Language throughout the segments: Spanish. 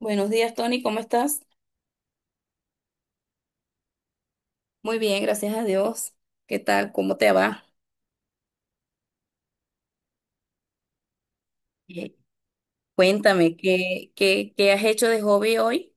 Buenos días, Tony, ¿cómo estás? Muy bien, gracias a Dios. ¿Qué tal? ¿Cómo te va? Eh, Cuéntame, ¿qué has hecho de hobby hoy?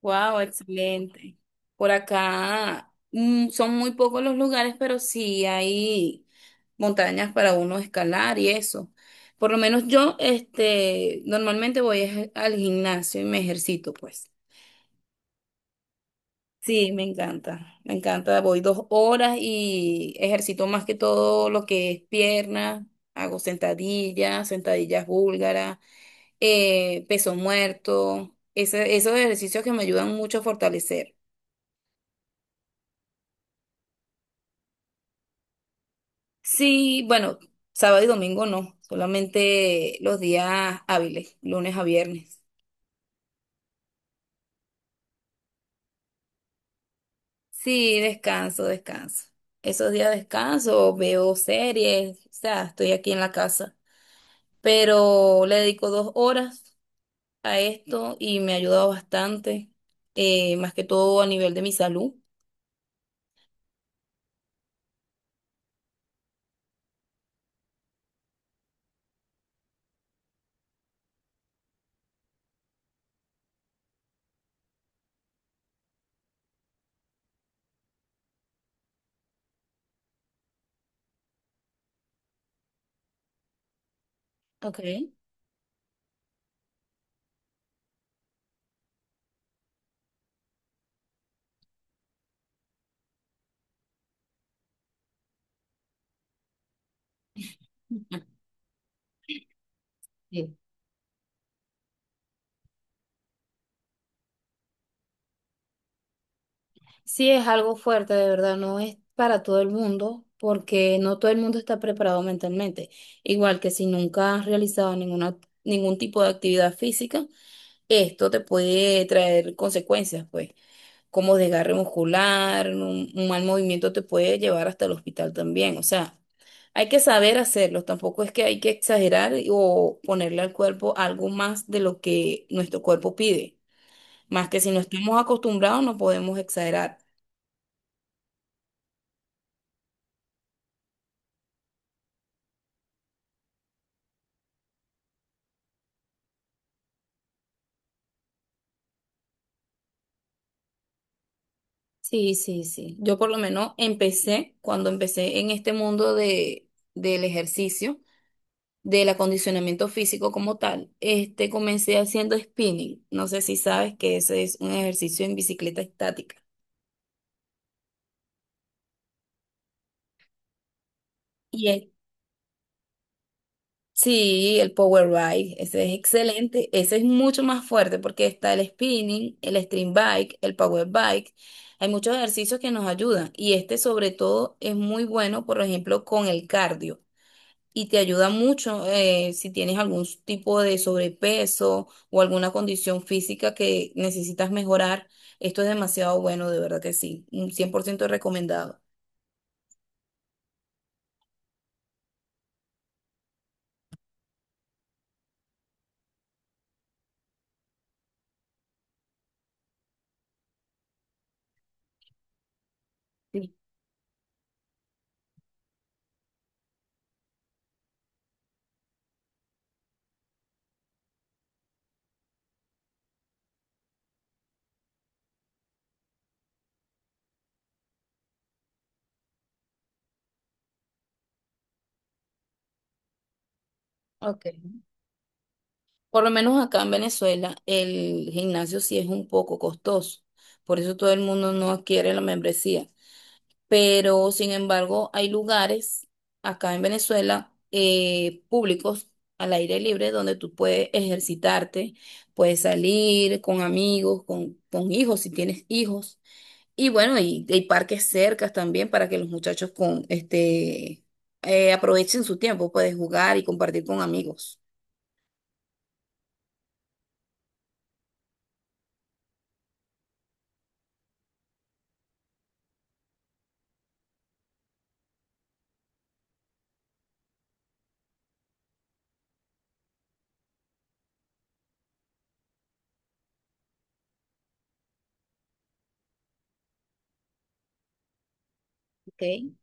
Wow, excelente. Por acá son muy pocos los lugares, pero sí hay montañas para uno escalar y eso. Por lo menos yo, este, normalmente voy es al gimnasio y me ejercito, pues. Sí, me encanta, me encanta. Voy 2 horas y ejercito más que todo lo que es pierna, hago sentadillas, sentadillas búlgaras, peso muerto, esos ejercicios que me ayudan mucho a fortalecer. Sí, bueno, sábado y domingo no, solamente los días hábiles, lunes a viernes. Sí, descanso, descanso. Esos días descanso, veo series, o sea, estoy aquí en la casa, pero le dedico 2 horas a esto y me ha ayudado bastante, más que todo a nivel de mi salud. Okay. Sí. Sí, es algo fuerte, de verdad, no es para todo el mundo, porque no todo el mundo está preparado mentalmente. Igual que si nunca has realizado ningún tipo de actividad física, esto te puede traer consecuencias, pues, como desgarre muscular. Un mal movimiento te puede llevar hasta el hospital también. O sea, hay que saber hacerlo, tampoco es que hay que exagerar o ponerle al cuerpo algo más de lo que nuestro cuerpo pide. Más que si no estamos acostumbrados, no podemos exagerar. Sí, sí, sí. Yo por lo menos empecé, cuando empecé en este mundo del ejercicio, del acondicionamiento físico como tal, este comencé haciendo spinning. No sé si sabes que ese es un ejercicio en bicicleta estática. Y es- sí, el power bike, ese es excelente, ese es mucho más fuerte porque está el spinning, el stream bike, el power bike. Hay muchos ejercicios que nos ayudan y este sobre todo es muy bueno, por ejemplo, con el cardio, y te ayuda mucho, si tienes algún tipo de sobrepeso o alguna condición física que necesitas mejorar. Esto es demasiado bueno, de verdad que sí, un 100% recomendado. Por lo menos acá en Venezuela, el gimnasio sí es un poco costoso, por eso todo el mundo no adquiere la membresía. Pero, sin embargo, hay lugares acá en Venezuela, públicos, al aire libre, donde tú puedes ejercitarte, puedes salir con amigos, con hijos, si tienes hijos. Y bueno, y hay parques cercas también para que los muchachos con este aprovechen su tiempo, puedes jugar y compartir con amigos. Ok.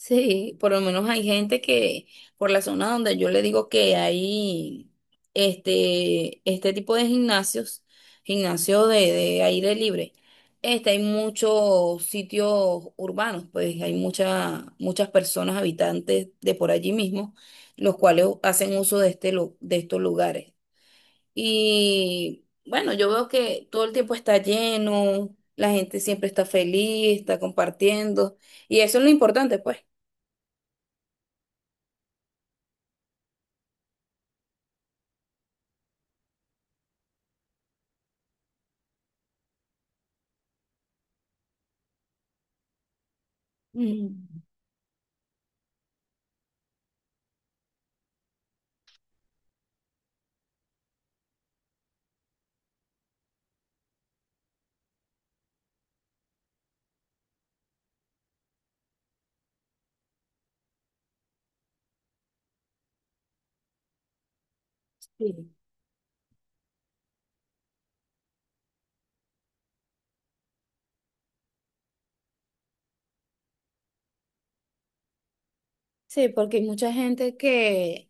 Sí, por lo menos hay gente que por la zona donde yo le digo que hay este, este tipo de gimnasios, gimnasio de aire libre, este, hay muchos sitios urbanos, pues hay muchas personas habitantes de por allí mismo, los cuales hacen uso de, este, de estos lugares. Y bueno, yo veo que todo el tiempo está lleno, la gente siempre está feliz, está compartiendo, y eso es lo importante, pues. Mm, sí. Sí, porque hay mucha gente que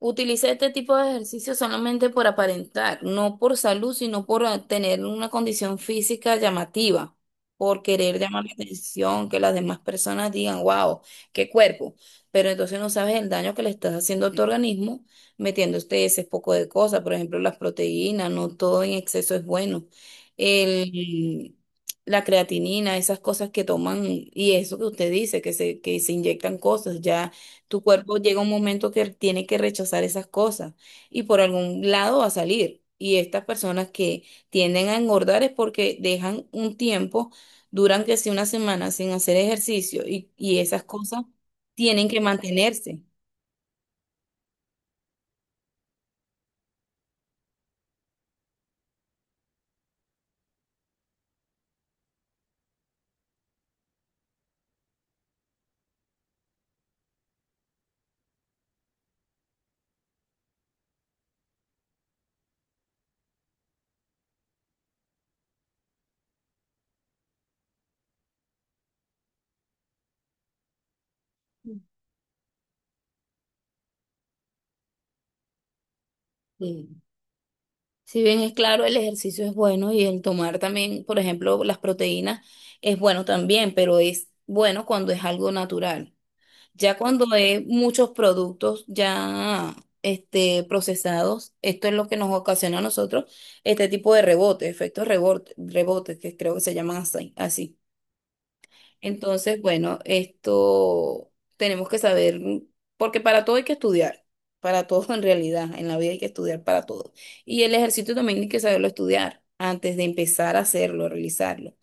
utilicé este tipo de ejercicio solamente por aparentar, no por salud, sino por tener una condición física llamativa, por querer llamar la atención, que las demás personas digan, wow, qué cuerpo. Pero entonces no sabes el daño que le estás haciendo a tu organismo metiendo este ese poco de cosas, por ejemplo, las proteínas, no todo en exceso es bueno. El, la creatinina, esas cosas que toman, y eso que usted dice, que se inyectan cosas, ya. Tu cuerpo llega un momento que tiene que rechazar esas cosas y por algún lado va a salir. Y estas personas que tienden a engordar es porque dejan un tiempo, duran que si una semana sin hacer ejercicio y esas cosas tienen que mantenerse. Sí. Si bien es claro, el ejercicio es bueno y el tomar también, por ejemplo, las proteínas es bueno también, pero es bueno cuando es algo natural. Ya cuando hay muchos productos ya este, procesados, esto es lo que nos ocasiona a nosotros este tipo de rebote, efectos rebote, rebotes que creo que se llaman así, así. Entonces, bueno, esto tenemos que saber, porque para todo hay que estudiar, para todo en realidad, en la vida hay que estudiar para todo. Y el ejercicio también hay que saberlo estudiar antes de empezar a hacerlo, realizarlo.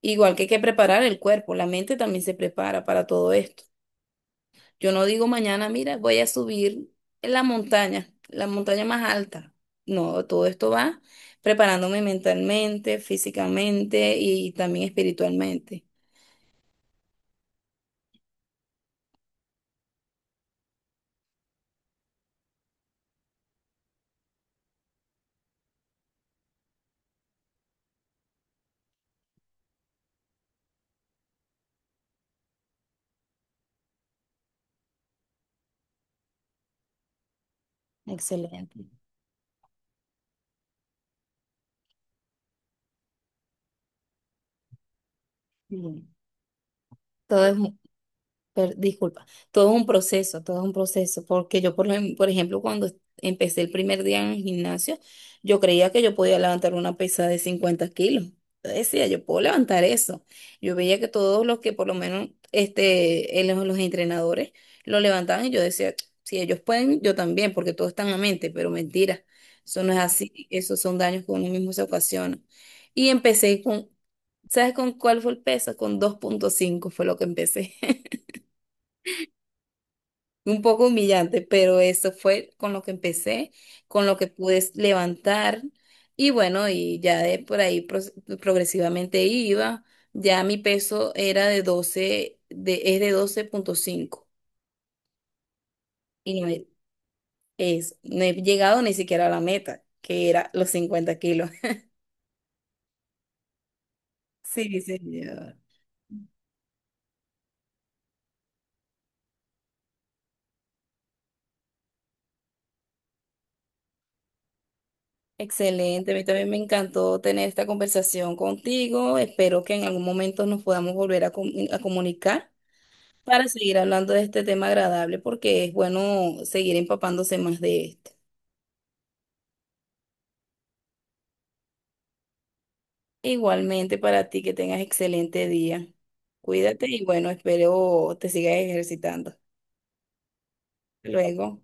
Igual que hay que preparar el cuerpo, la mente también se prepara para todo esto. Yo no digo mañana, mira, voy a subir en la montaña más alta. No, todo esto va preparándome mentalmente, físicamente y también espiritualmente. Excelente. Bien. Todo es, disculpa, todo es un proceso, todo es un proceso, porque yo, por, por ejemplo, cuando empecé el primer día en el gimnasio, yo creía que yo podía levantar una pesa de 50 kilos. Yo decía, yo puedo levantar eso. Yo veía que todos los que, por lo menos, este, los entrenadores lo levantaban y yo decía, si ellos pueden, yo también, porque todo está en la mente, pero mentira, eso no es así, esos son daños que uno mismo se ocasiona. Y empecé con, ¿sabes con cuál fue el peso? Con 2,5 fue lo que empecé. Un poco humillante, pero eso fue con lo que empecé, con lo que pude levantar. Y bueno, y ya de por ahí progresivamente iba, ya mi peso era de es de 12,5, y es, no he llegado ni siquiera a la meta, que era los 50 kilos. Sí, señor. Excelente, a mí también me encantó tener esta conversación contigo. Espero que en algún momento nos podamos volver a, a comunicar, para seguir hablando de este tema agradable, porque es bueno seguir empapándose más de esto. Igualmente para ti, que tengas excelente día. Cuídate y bueno, espero te sigas ejercitando. Luego.